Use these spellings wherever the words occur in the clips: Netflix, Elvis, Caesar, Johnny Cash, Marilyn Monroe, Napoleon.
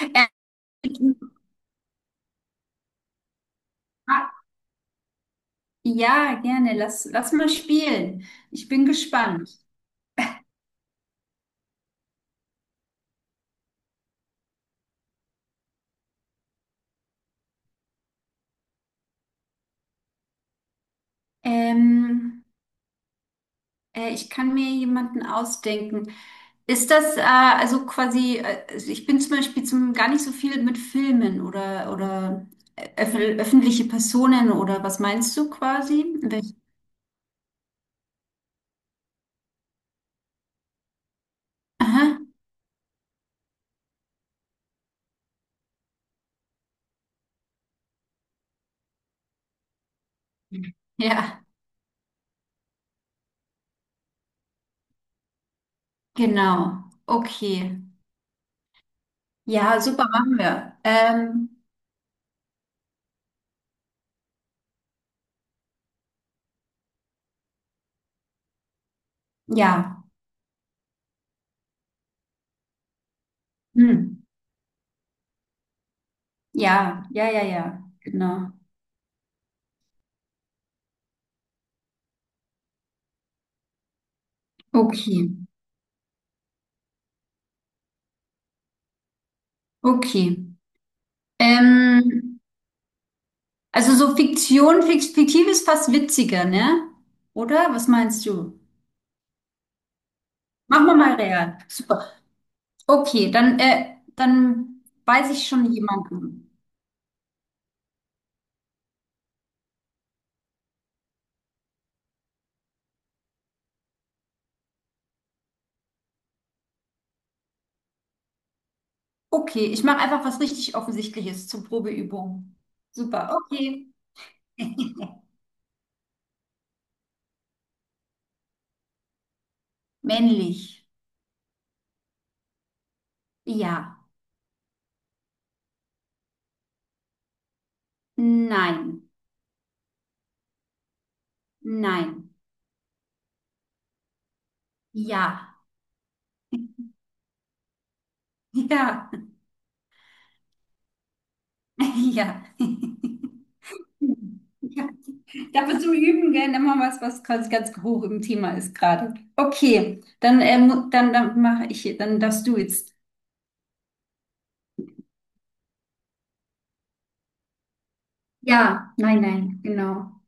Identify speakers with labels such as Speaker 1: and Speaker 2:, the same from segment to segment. Speaker 1: Äh, Ja, gerne. Lass mal spielen. Ich bin gespannt. Ähm, Ich kann mir jemanden ausdenken. Ist das also quasi, also ich bin zum Beispiel gar nicht so viel mit Filmen oder öffentliche Personen oder was meinst du quasi? Aha. Ja, genau. Okay. Ja, super, machen wir. Ja. Hm. Ja, ja, ja, ja. Genau. Okay. Okay. Ähm, also so fiktiv ist fast witziger, ne? Oder? Was meinst du? Machen wir mal real. Super. Okay, dann weiß ich schon jemanden. Okay, ich mache einfach was richtig Offensichtliches zur Probeübung. Super, okay. Männlich. Ja. Nein. Nein. Ja. Ja. Ja. Ja. Dafür zum Üben, gell? Nimm mal was, was quasi ganz hoch im Thema ist gerade. Okay, dann mache ich, dann darfst du jetzt. Ja, nein, nein, genau.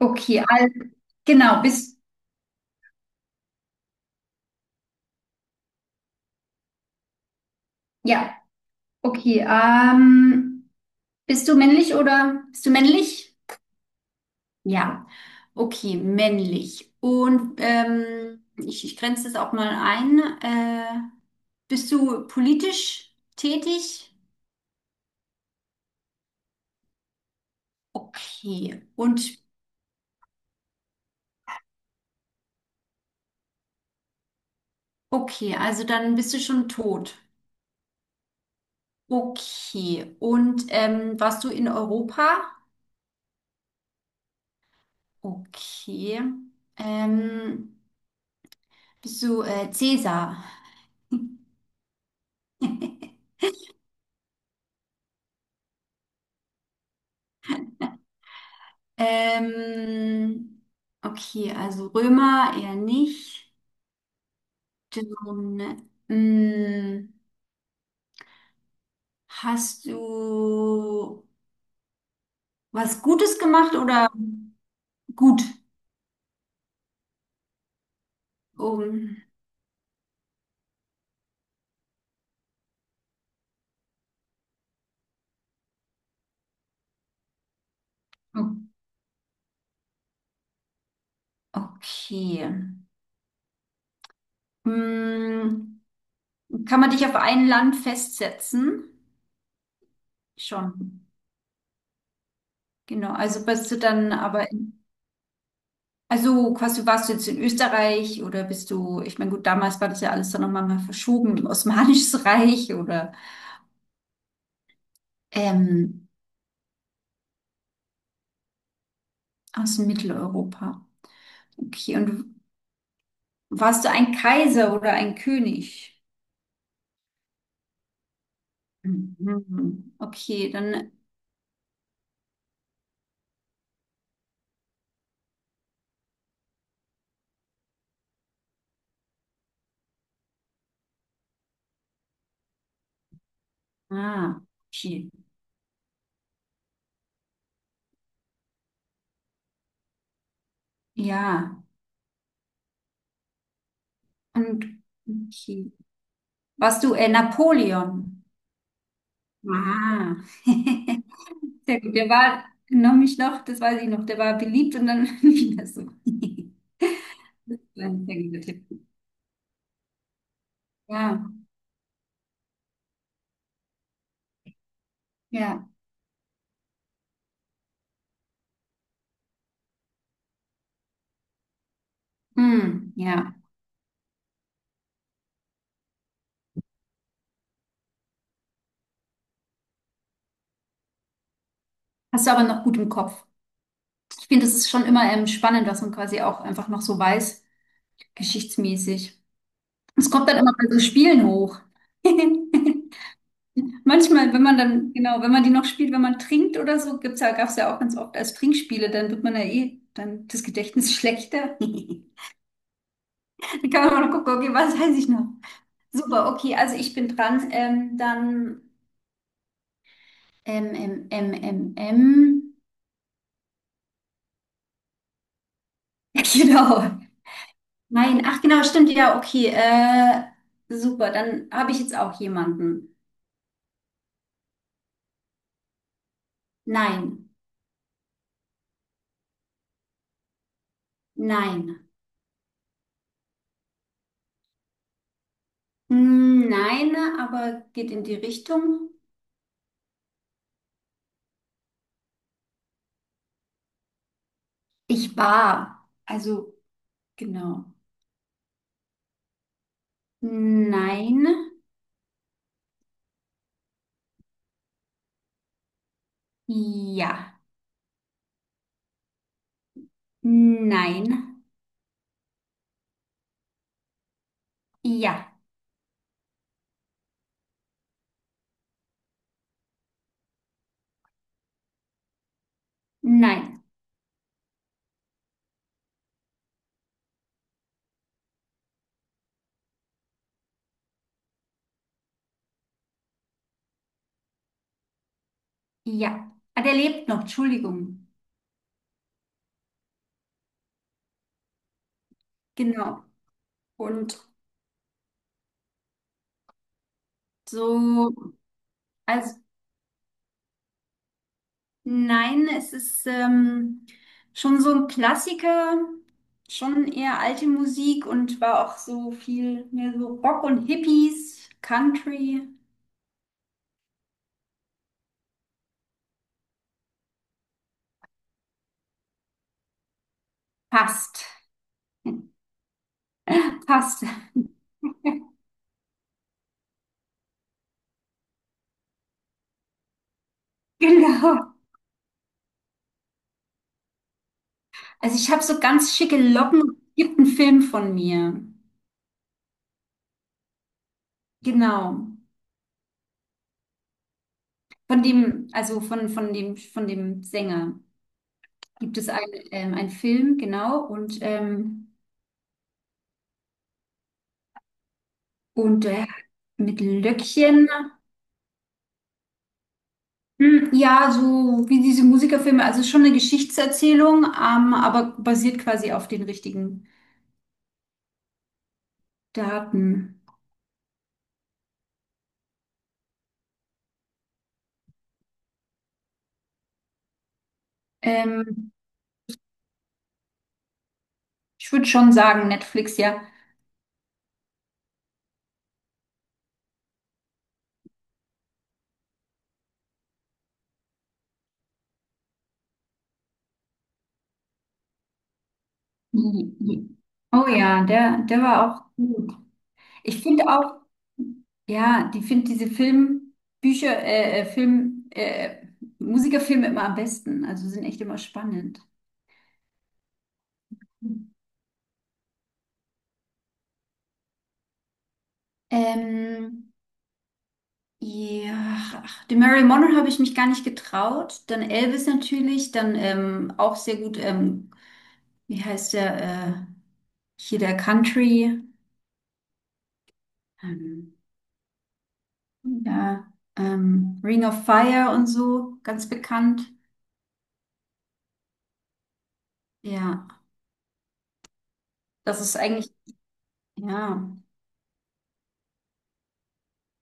Speaker 1: Okay, also, genau, bist, ja, okay, bist du männlich oder bist du männlich? Ja, okay, männlich. Und ich grenze das auch mal ein. Bist du politisch tätig? Okay. Und okay, also dann bist du schon tot. Okay. Und warst du in Europa? Okay. Ähm, bist du Cäsar? Ähm, okay, also Römer eher nicht. Dann, hast du was Gutes gemacht oder gut? Um, okay. Mm, kann man dich auf ein Land festsetzen? Schon. Genau, also bist du dann in, also quasi warst du jetzt in Österreich oder bist du, ich meine, gut, damals war das ja alles dann nochmal mal verschoben, im Osmanisches Reich oder ähm, aus Mitteleuropa. Okay, und warst du ein Kaiser oder ein König? Mhm. Okay, dann, ah, okay, ja, und, okay. Warst du Napoleon? Ah. Sehr gut. Der war noch, das weiß ich noch, der war beliebt und dann wieder so. Das war ein sehr guter Tipp. Ja, ja, hm, ja. Hast du aber noch gut im Kopf. Ich finde, das ist schon immer spannend, was man quasi auch einfach noch so weiß, geschichtsmäßig. Es kommt dann immer bei so Spielen hoch. Manchmal, wenn man dann, genau, wenn man die noch spielt, wenn man trinkt oder so, gab's ja auch ganz oft als Trinkspiele, dann wird man ja eh, dann das Gedächtnis schlechter. Dann kann man auch noch gucken, okay, was weiß ich noch? Super, okay, also ich bin dran. Dann M, M, M, M, M. Genau. Nein, ach genau, stimmt, ja, okay. Super, dann habe ich jetzt auch jemanden. Nein, nein. Hm, nein, aber geht in die Richtung. Ich war. Also, genau. Nein, ja. Nein, ja. Nein, ja. Ah, der lebt noch, Entschuldigung. Genau. Und so. Also nein, es ist schon so ein Klassiker, schon eher alte Musik und war auch so viel mehr so Rock und Hippies, Country. Passt. Passt. Genau. Also ich habe so ganz schicke Locken. Gibt einen Film von mir. Genau. Von dem, von dem, von dem Sänger gibt es einen, einen Film, genau. Und mit Löckchen. Hm, ja, so wie diese Musikerfilme, also schon eine Geschichtserzählung, aber basiert quasi auf den richtigen Daten. Ähm, ich würde schon sagen, Netflix, ja. Oh ja, der, der war auch gut. Ich finde auch, ja, die finde diese Musikerfilme immer am besten. Also sind echt immer spannend. Ähm, Ja, ach, die Marilyn Monroe habe ich mich gar nicht getraut. Dann Elvis natürlich, dann auch sehr gut, wie heißt der, äh, hier der Country, ähm, ja, Ring of Fire und so, ganz bekannt. Ja, das ist eigentlich, ja,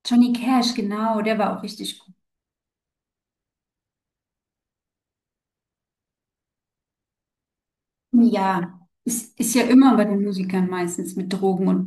Speaker 1: Johnny Cash, genau, der war auch richtig gut. Ja, ist ja immer bei den Musikern meistens mit Drogen und